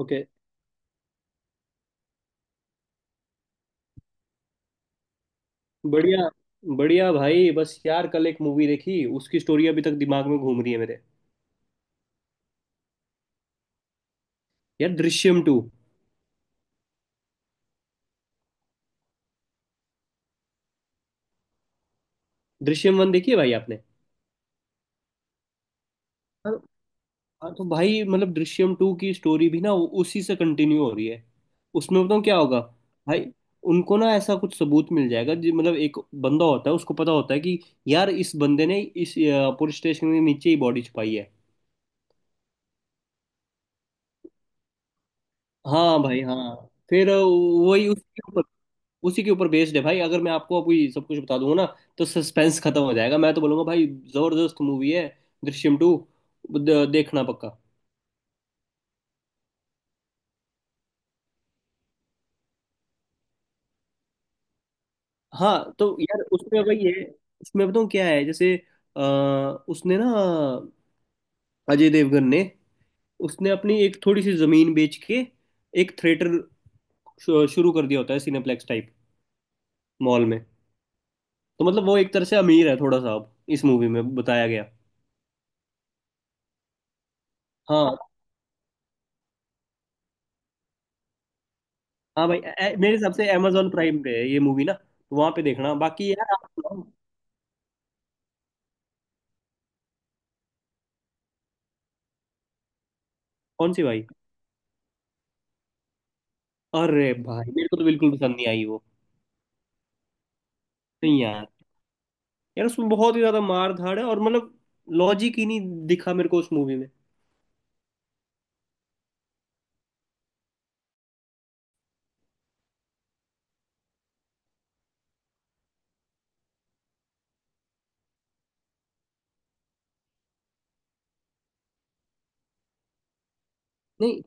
Okay. बढ़िया। बढ़िया भाई, बस यार कल एक मूवी देखी, उसकी स्टोरी अभी तक दिमाग में घूम रही है मेरे। यार, दृश्यम टू। दृश्यम वन देखी है भाई आपने? हाँ। हाँ, तो भाई मतलब दृश्यम टू की स्टोरी भी ना वो उसी से कंटिन्यू हो रही है। उसमें बताऊँ क्या होगा? भाई, उनको ना ऐसा कुछ सबूत मिल जाएगा जी, मतलब एक बंदा होता है उसको पता होता है कि यार इस बंदे ने इस पुलिस स्टेशन के नीचे ही बॉडी छुपाई है। हाँ भाई, हाँ। फिर वही उसके ऊपर, उसी के ऊपर बेस्ड है भाई। अगर मैं आपको अभी सब कुछ बता दूंगा ना तो सस्पेंस खत्म हो जाएगा। मैं तो बोलूंगा भाई, जबरदस्त मूवी है दृश्यम टू, देखना पक्का। हाँ तो यार, उसमें भाई ये, उसमें बताऊँ क्या है? जैसे अ, उसने ना, अजय देवगन ने, उसने अपनी एक थोड़ी सी जमीन बेच के एक थिएटर शुरू कर दिया होता है, सिनेप्लेक्स टाइप मॉल में। तो मतलब वो एक तरह से अमीर है थोड़ा सा, अब इस मूवी में बताया गया। हाँ। हाँ भाई, मेरे हिसाब से अमेजोन प्राइम पे है ये मूवी ना, तो वहां पे देखना। बाकी यार, आप सुनाओ। कौन सी भाई? अरे भाई, मेरे को तो बिल्कुल पसंद नहीं आई वो। नहीं यार, यार उसमें बहुत ही ज्यादा मार धाड़ है और मतलब लॉजिक ही नहीं दिखा मेरे को उस मूवी में। नहीं,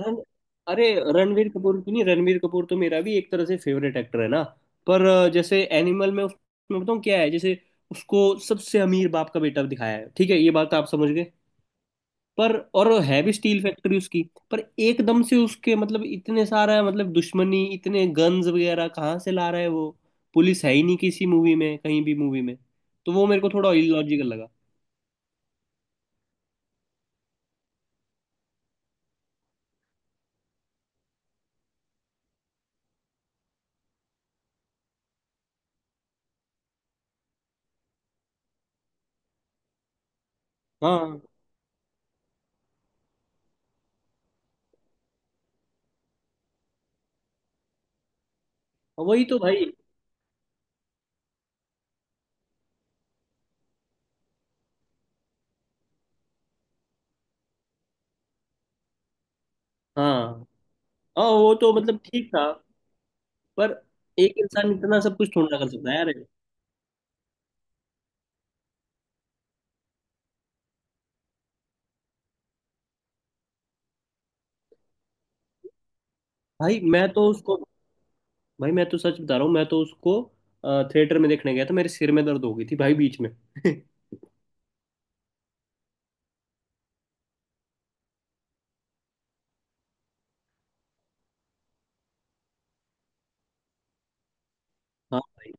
रन, अरे, रणवीर कपूर की, नहीं रणवीर कपूर तो मेरा भी एक तरह से फेवरेट एक्टर है ना। पर जैसे एनिमल में उसमें बताऊँ क्या है? जैसे, उसको सबसे अमीर बाप का बेटा दिखाया है, ठीक है ये बात तो आप समझ गए। पर और है भी स्टील फैक्ट्री उसकी, पर एकदम से उसके मतलब इतने सारा मतलब दुश्मनी, इतने गन्स वगैरह कहाँ से ला रहा है वो? पुलिस है ही नहीं किसी मूवी में, कहीं भी मूवी में। तो वो मेरे को थोड़ा इलॉजिकल लगा। हाँ वही तो भाई, हाँ। हाँ वो तो मतलब ठीक था, पर एक इंसान इतना सब कुछ थोड़ा ना कर सकता है यार। भाई मैं तो उसको, भाई मैं तो सच बता रहा हूँ, मैं तो उसको थिएटर में देखने गया था, मेरे सिर में दर्द हो गई थी भाई बीच में। हाँ।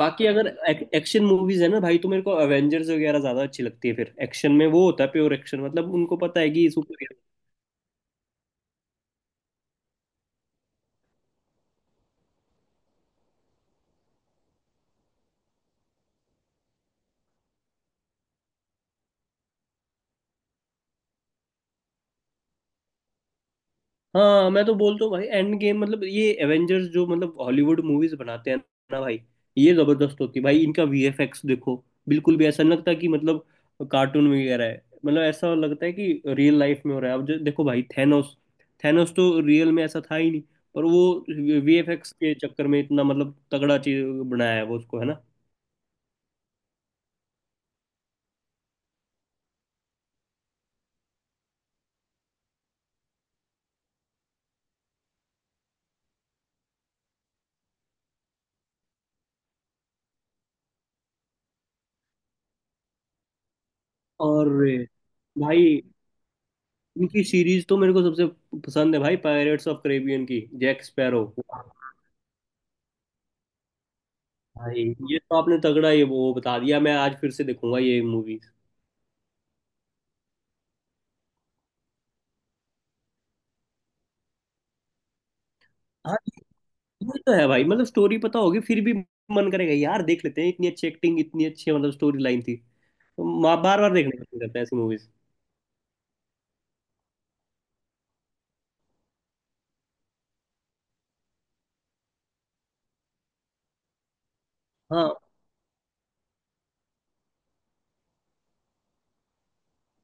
बाकी अगर एक्शन मूवीज है ना भाई, तो मेरे को एवेंजर्स वगैरह ज्यादा अच्छी लगती है। फिर एक्शन में वो होता है प्योर एक्शन, मतलब उनको पता है कि सुपर। हाँ, मैं तो बोलता हूँ भाई, एंड गेम मतलब ये एवेंजर्स जो मतलब हॉलीवुड मूवीज बनाते हैं ना भाई, ये जबरदस्त होती है भाई। इनका वीएफएक्स देखो, बिल्कुल भी ऐसा नहीं लगता कि मतलब कार्टून वगैरह है, मतलब ऐसा लगता है कि रियल लाइफ में हो रहा है। अब जो देखो भाई थैनोस, थैनोस तो रियल में ऐसा था ही नहीं, पर वो वीएफएक्स के चक्कर में इतना मतलब तगड़ा चीज बनाया है वो उसको, है ना। और भाई, इनकी सीरीज तो मेरे को सबसे पसंद है भाई, पायरेट्स ऑफ कैरेबियन की, जैक स्पैरो। भाई ये तो आपने तगड़ा ये वो बता दिया, मैं आज फिर से देखूंगा ये मूवी। हाँ, ये तो है भाई, मतलब स्टोरी पता होगी फिर भी मन करेगा यार देख लेते हैं। इतनी अच्छी एक्टिंग, इतनी अच्छी मतलब स्टोरी लाइन थी, तो बार बार देखने का मन करता है ऐसी मूवीज। हाँ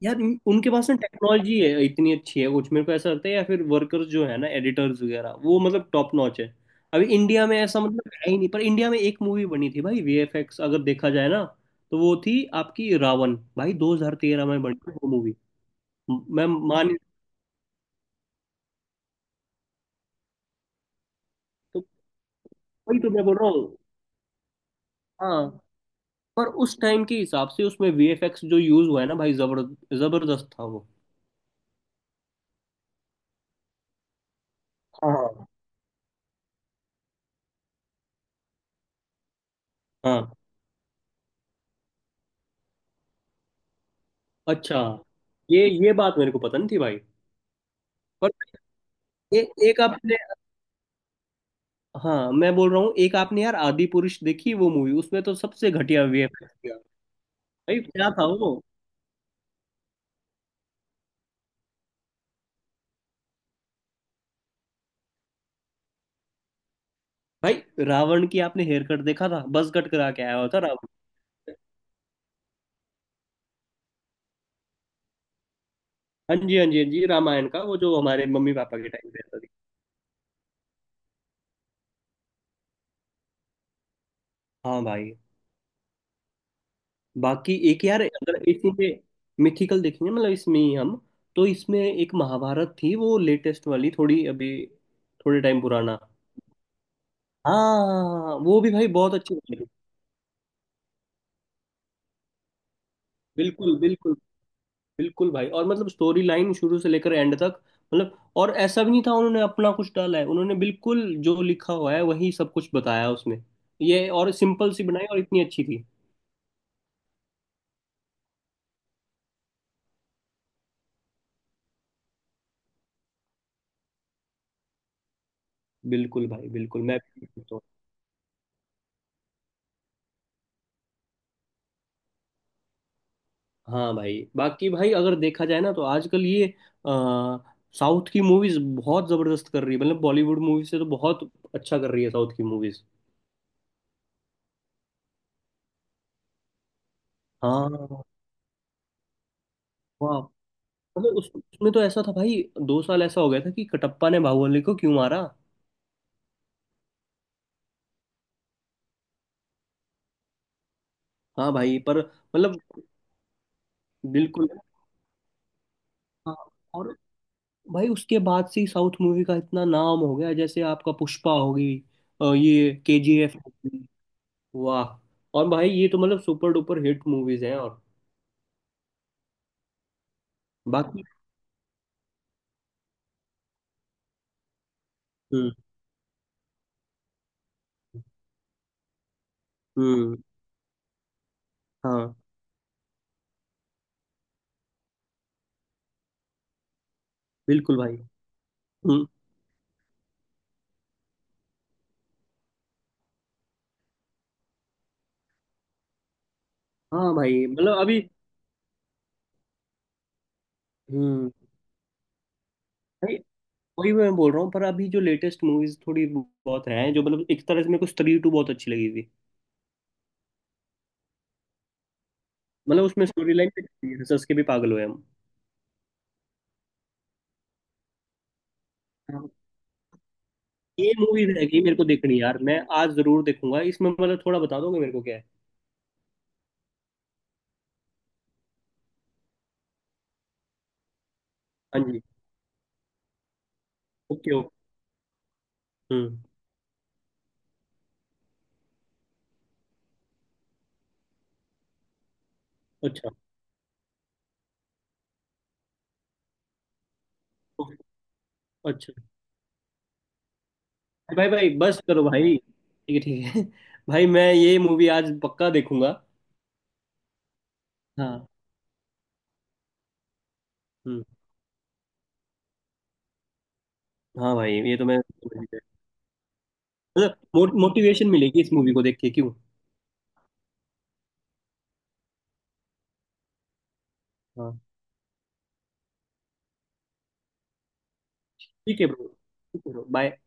यार, उनके पास ना टेक्नोलॉजी है इतनी अच्छी है कुछ, मेरे को ऐसा लगता है। या फिर वर्कर्स जो है ना, एडिटर्स वगैरह, वो मतलब टॉप नॉच है। अभी इंडिया में ऐसा मतलब है ही नहीं, पर इंडिया में एक मूवी बनी थी भाई, वीएफएक्स अगर देखा जाए ना, तो वो थी आपकी रावण भाई, 2013 में बनी थी वो मूवी। मैं मान तो वही तो मैं बोल रहा हूँ। हाँ, पर उस टाइम के हिसाब से उसमें वीएफएक्स जो यूज हुआ है ना भाई, जबरदस्त था वो। हाँ। हाँ अच्छा, ये बात मेरे को पता नहीं थी भाई। पर ए, एक आपने, हाँ मैं बोल रहा हूँ, एक आपने यार आदि पुरुष देखी वो मूवी, उसमें तो सबसे घटिया वीएफएक्स किया भाई, क्या था वो। भाई, रावण की आपने हेयर कट देखा था? बस कट करा के आया हुआ था रावण से। हाँ जी, हाँ जी, हाँ जी, रामायण का वो जो हमारे मम्मी पापा के टाइम पे आता था। हाँ भाई, बाकी एक यार, अगर इसी पे मिथिकल देखेंगे मतलब इसमें ही हम, तो इसमें एक महाभारत थी, वो लेटेस्ट वाली, थोड़ी अभी, थोड़े टाइम पुराना। हाँ वो भी भाई बहुत अच्छी थी। बिल्कुल, बिल्कुल, बिल्कुल भाई। और मतलब स्टोरी लाइन शुरू से लेकर एंड तक, मतलब और ऐसा भी नहीं था उन्होंने अपना कुछ डाला है, उन्होंने बिल्कुल जो लिखा हुआ है वही सब कुछ बताया उसमें। ये और सिंपल सी बनाई और इतनी अच्छी थी। बिल्कुल भाई बिल्कुल, मैं तो। हाँ भाई, बाकी भाई अगर देखा जाए ना, तो आजकल ये अ, साउथ की मूवीज बहुत जबरदस्त कर रही है, मतलब बॉलीवुड मूवी से तो बहुत अच्छा कर रही है साउथ की मूवीज। हाँ, वाह, मतलब उसमें तो ऐसा था भाई, दो साल ऐसा हो गया था कि कटप्पा ने बाहुबली को क्यों मारा। हाँ भाई, पर मतलब बिल्कुल, हाँ। और भाई, उसके बाद से ही साउथ मूवी का इतना नाम हो गया, जैसे आपका पुष्पा होगी और ये केजीएफ होगी, वाह। और भाई ये तो मतलब सुपर डुपर हिट मूवीज हैं और बाकी। हम्म। हम्म। हाँ, बिल्कुल भाई। हम्म। हाँ भाई मतलब अभी। हम्म। भाई वही मैं बोल रहा हूँ, पर अभी जो लेटेस्ट मूवीज थोड़ी बहुत हैं जो मतलब एक तरह से, मेरे को स्त्री टू बहुत अच्छी लगी थी। मतलब उसमें स्टोरी लाइन पे हंस हंस के भी पागल हुए। हम ये मूवी रहेगी मेरे को देखनी यार, मैं आज जरूर देखूंगा। इसमें मतलब थोड़ा बता दोगे मेरे को क्या है? हाँ जी। Okay okay. हम्म। अच्छा। ओके, अच्छा। भाई भाई बस करो भाई, ठीक है ठीक है। भाई मैं ये मूवी आज पक्का देखूंगा। हाँ। हम्म। हाँ भाई ये तो मैं, मतलब मोटिवेशन मिलेगी इस मूवी को देख के क्यों। हाँ। ठीक है ब्रो, ठीक है ब्रो, बाय।